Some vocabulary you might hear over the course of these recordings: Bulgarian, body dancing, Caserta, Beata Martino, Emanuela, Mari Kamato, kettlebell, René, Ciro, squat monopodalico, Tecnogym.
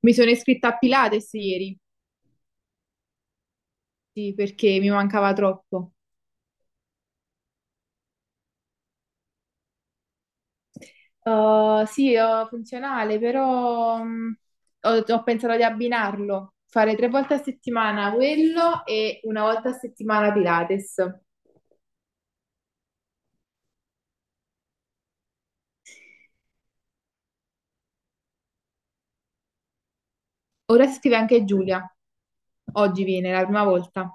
Mi sono iscritta a Pilates ieri, sì, perché mi mancava troppo. Sì, ho funzionale, però ho pensato di abbinarlo, fare tre volte a settimana quello e una volta a settimana Pilates. Ora si scrive anche Giulia, oggi viene la prima volta.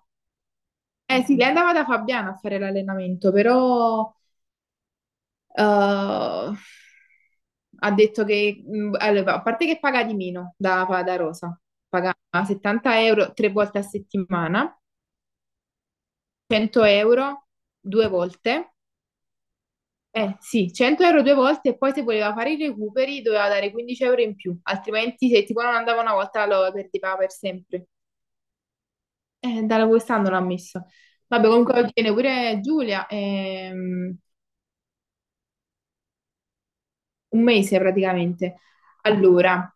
Eh sì, lei andava da Fabiana a fare l'allenamento, però Eh, ha detto che, allora, a parte che paga di meno da Rosa, paga 70 euro tre volte a settimana, 100 euro due volte, eh sì, 100 euro due volte e poi se voleva fare i recuperi doveva dare 15 euro in più, altrimenti se tipo non andava una volta lo perdeva per sempre. Da quest'anno l'ha messo. Vabbè, comunque oggi viene pure Giulia. Un mese praticamente. Allora,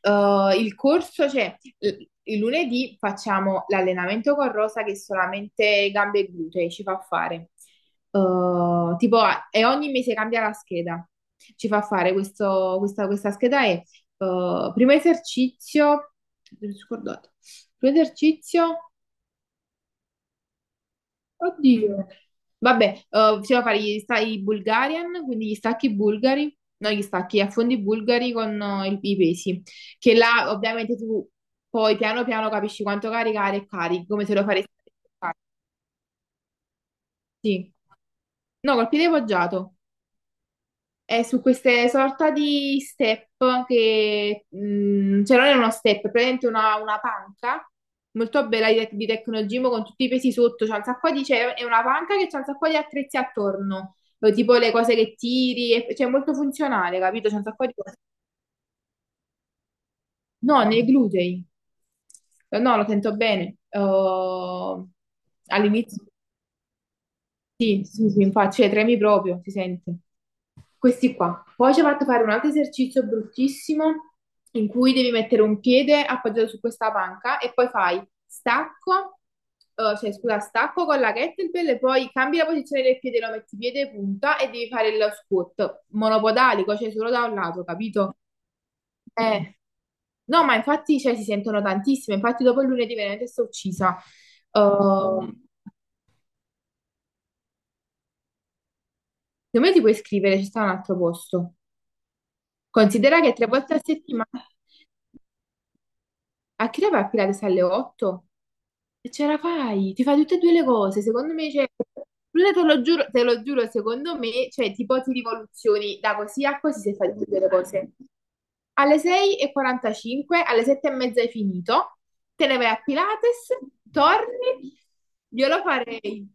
il corso, cioè il lunedì facciamo l'allenamento con Rosa che è solamente gambe e glutei ci fa fare. Tipo, e ogni mese cambia la scheda. Ci fa fare questo, questa scheda è primo esercizio, mi sono scordata. Primo esercizio. Oddio. Vabbè, bisogna fare i Bulgarian, quindi gli stacchi bulgari, no, gli stacchi, gli affondi bulgari con i pesi, che là ovviamente tu poi piano piano capisci quanto caricare e carichi, come se lo faresti. Sì. No, col piede poggiato. È su queste sorta di step che, cioè non è uno step, è praticamente una, panca molto bella di Tecnogym con tutti i pesi sotto, c'è un sacco di, cioè, è una panca che c'è un sacco di attrezzi attorno, tipo le cose che tiri, cioè è molto funzionale, capito? C'è un sacco di cose. No, nei glutei. No, lo sento bene. Oh, all'inizio. Sì, sì, sì, infatti, cioè tremi proprio, si sente. Questi qua. Poi ci ha fatto fare un altro esercizio bruttissimo in cui devi mettere un piede appoggiato su questa panca e poi fai stacco, cioè scusa, stacco con la kettlebell e poi cambi la posizione del piede, lo metti piede punta e devi fare il squat monopodalico, cioè solo da un lato, capito? Eh. No, ma infatti cioè, si sentono tantissime, infatti dopo il lunedì veramente sto uccisa. Uh, secondo me ti puoi iscrivere, ci sta un altro posto. Considera che tre volte a settimana. A che ora va a Pilates alle 8? E ce la fai, ti fai tutte e due le cose. Secondo me, cioè, Luna, te lo giuro, secondo me, cioè, tipo ti rivoluzioni da così a così se fai tutte e due le cose. Alle 6:45, alle 7:30 hai finito, te ne vai a Pilates, torni, io lo farei.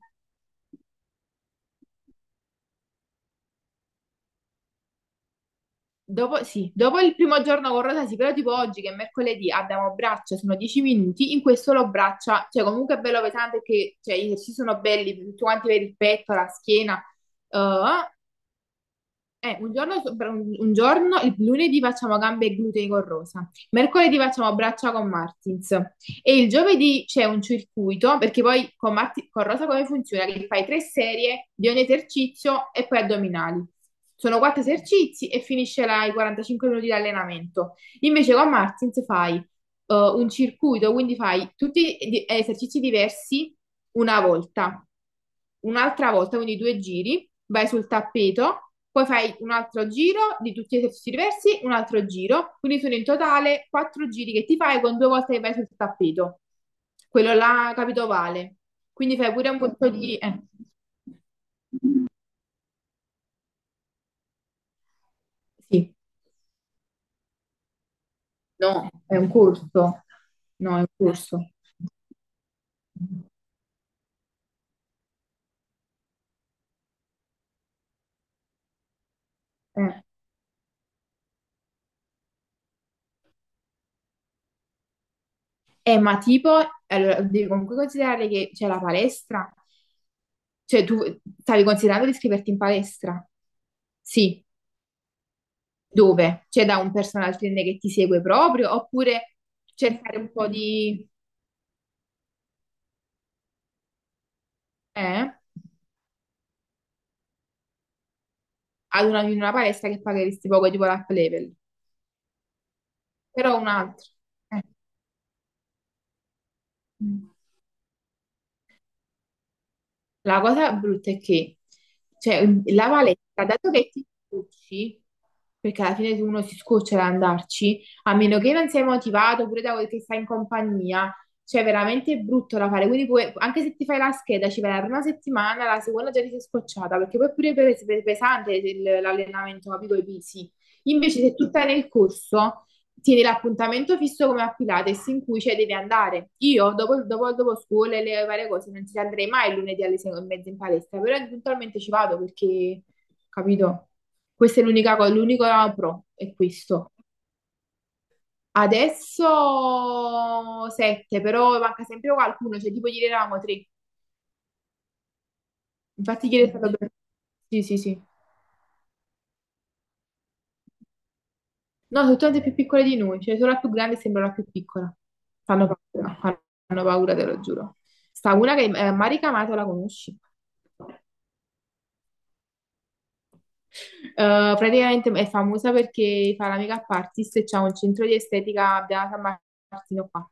Dopo, sì, dopo il primo giorno con Rosasi, però tipo oggi che è mercoledì abbiamo braccia, sono 10 minuti, in questo lo braccia, cioè comunque è bello pesante perché cioè, gli esercizi sono belli, tutti quanti per il petto, la schiena, eh, un giorno, un giorno, il lunedì facciamo gambe e glutei con Rosa, mercoledì facciamo braccia con Martins e il giovedì c'è un circuito perché poi con, con Rosa come funziona? Che fai tre serie di ogni esercizio e poi addominali. Sono quattro esercizi e finisce là i 45 minuti di allenamento. Invece con Martins fai un circuito, quindi fai tutti esercizi diversi una volta, un'altra volta, quindi due giri, vai sul tappeto, poi fai un altro giro di tutti gli esercizi diversi, un altro giro, quindi sono in totale quattro giri che ti fai con due volte che vai sul tappeto, quello là, capito, vale. Quindi fai pure un corso. Sì, no, è un corso, no, è un corso. Eh. Ma tipo, allora, devi comunque considerare che c'è la palestra, cioè tu stavi considerando di iscriverti in palestra? Sì, dove? C'è da un personal trainer che ti segue proprio, oppure cercare un po' di... eh? Ad una, in una palestra che pagheresti poco, tipo l'up level, però un altro. Eh. Mm. La cosa brutta è che, cioè, la valetta, dato che ti scocci, perché alla fine uno si scoccia ad andarci, a meno che non sei motivato pure da quel che stai in compagnia, cioè, è veramente brutto da fare. Quindi, anche se ti fai la scheda, ci vai la prima settimana, la seconda già ti sei scocciata, perché poi pure è pesante l'allenamento, capito? I pesi. Invece, se tu stai nel corso tieni l'appuntamento fisso come a Pilates in cui cioè, devi andare. Io dopo, dopo, dopo scuola e le varie cose non ci andrei mai il lunedì alle 6:30 in palestra, però eventualmente ci vado perché, capito? Questa è l'unica cosa, l'unico pro è questo. Adesso sette, però manca sempre qualcuno, cioè tipo ieri eravamo tre. Infatti ieri è stato sette. Per... sì, sì, sì. No, sono tutte più piccole di noi, cioè solo la più grande sembra la più piccola. Fanno paura, fanno paura, te lo giuro. Sta una che Mari Kamato la conosci. Praticamente è famosa perché fa la make-up artist e c'ha un centro di estetica a Beata Martino qua.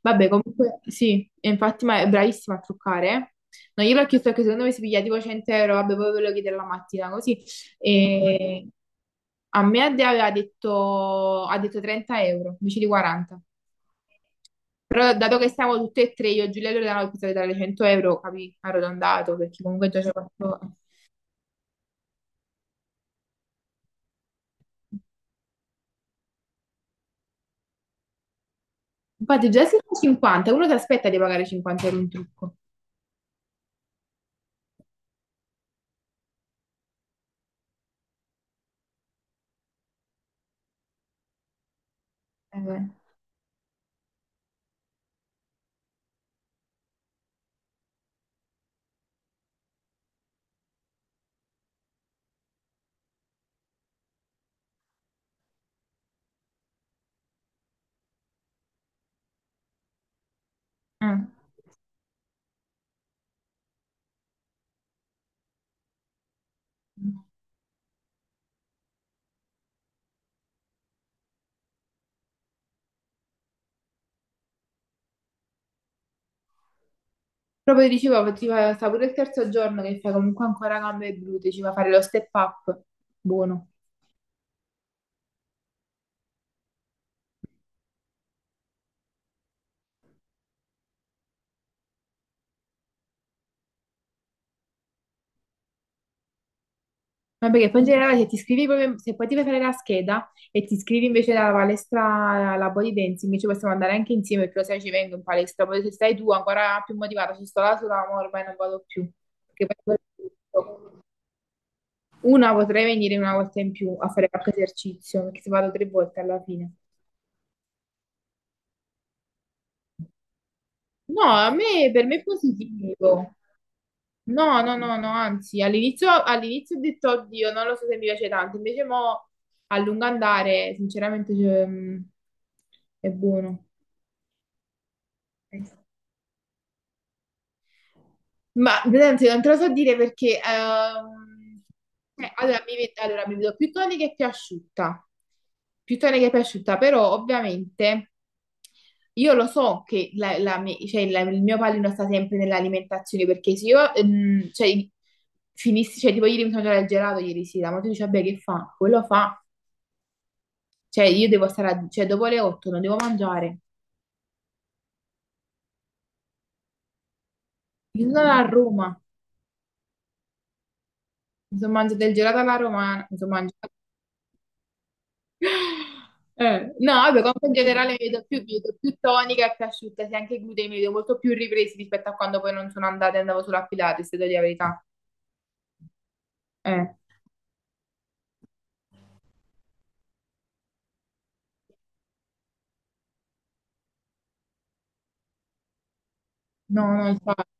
Vabbè, comunque sì, e infatti ma è bravissima a truccare. No, io l'ho chiesto che secondo me si piglia tipo 100 euro, vabbè, poi ve lo chiede la mattina, così. E a me Adea ha detto 30 euro invece di 40. Però dato che siamo tutte e tre, io e Giulia Loredana, ho pensato di dare 100 euro, capì? Arrotondato, perché comunque già ci ho fatto... Infatti già se sono 50, uno si aspetta di pagare 50 euro un trucco. Eh, eh. Proprio dicevo, ti fa, sta pure il terzo giorno che fai comunque ancora gambe e glutei, ci va a fare lo step up. Buono. Ma perché poi in generale se ti iscrivi proprio, se poi ti fai fare la scheda e ti iscrivi invece alla palestra, alla body dancing, ci possiamo andare anche insieme, perché lo sai ci vengo in palestra, poi se stai tu ancora più motivata, ci sto là sola, ma ormai non vado più. Perché poi una potrei venire una volta in più a fare qualche esercizio, perché se vado tre volte alla fine. No, a me, per me è positivo. No, no, no, no, anzi, all'inizio ho detto, oddio, non lo so se mi piace tanto, invece mo a lungo andare, sinceramente, cioè, è buono. Ma veramente non te lo so dire perché allora, allora mi vedo più tonica e più asciutta, più tonica e più asciutta, però ovviamente io lo so che la- la mi- cioè, la- il mio pallino sta sempre nell'alimentazione perché se io cioè, finissi, cioè tipo ieri mi sono mangiato il gelato ieri sera, ma tu dici vabbè che fa? Quello fa, cioè io devo stare, cioè dopo le 8 non devo mangiare, io sono a Roma, mi sono mangiato il gelato alla romana, mi sono mangiato no, vabbè, comunque in generale mi vedo più tonica e più asciutta, sì, anche i glutei mi vedo molto più ripresi rispetto a quando poi non sono andata e andavo solo a Pilates, se devo dire la verità. Eh, no, no, infatti.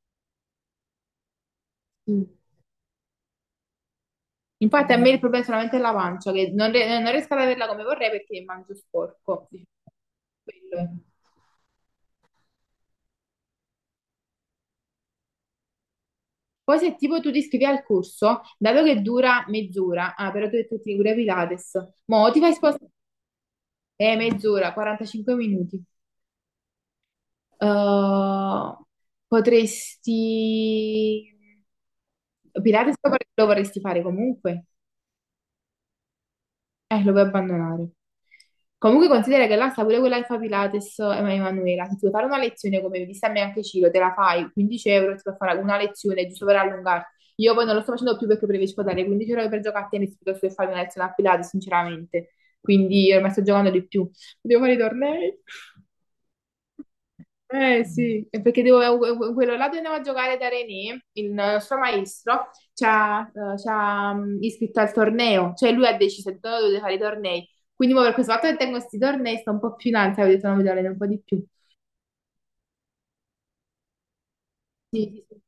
Infatti a me il problema è solamente la pancia, che non riesco ad averla come vorrei perché mangio sporco. Diciamo, quello è. Poi se tipo tu ti iscrivi al corso, dato che dura mezz'ora, ah, però tu hai detto che ti cura Pilates, mo ti fai spostare... mezz'ora, 45 minuti. Uh, potresti... Pilates lo vorresti fare comunque? Lo vuoi abbandonare. Comunque considera che là sta pure quella che fa Pilates, Emanuela, se ti vuoi fare una lezione come mi a me anche Ciro, te la fai, 15 euro, ti puoi fare una lezione giusto per allungarti. Io poi non lo sto facendo più perché preferisco dare 15 euro per giocare a tennis piuttosto che fare una lezione a Pilates, sinceramente. Quindi io ormai sto giocando di più. Devo fare i tornei. Eh sì, è perché quello là dove andavo a giocare da René, il suo maestro, ci ha, iscritto al torneo, cioè lui ha deciso di dove dovete fare i tornei. Quindi mo per questo fatto che tengo questi tornei sto un po' più in alto, ho detto no, mi dovrei un po' di più. Sì, sì, sì.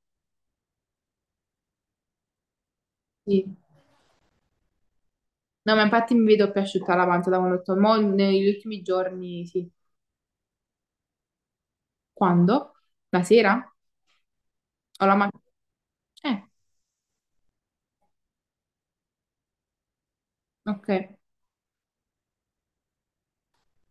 Sì. No, ma infatti mi vedo più asciutta la pancia da quando ho detto, mo negli ultimi giorni, sì. Quando? La sera? O la mattina? Eh, ok.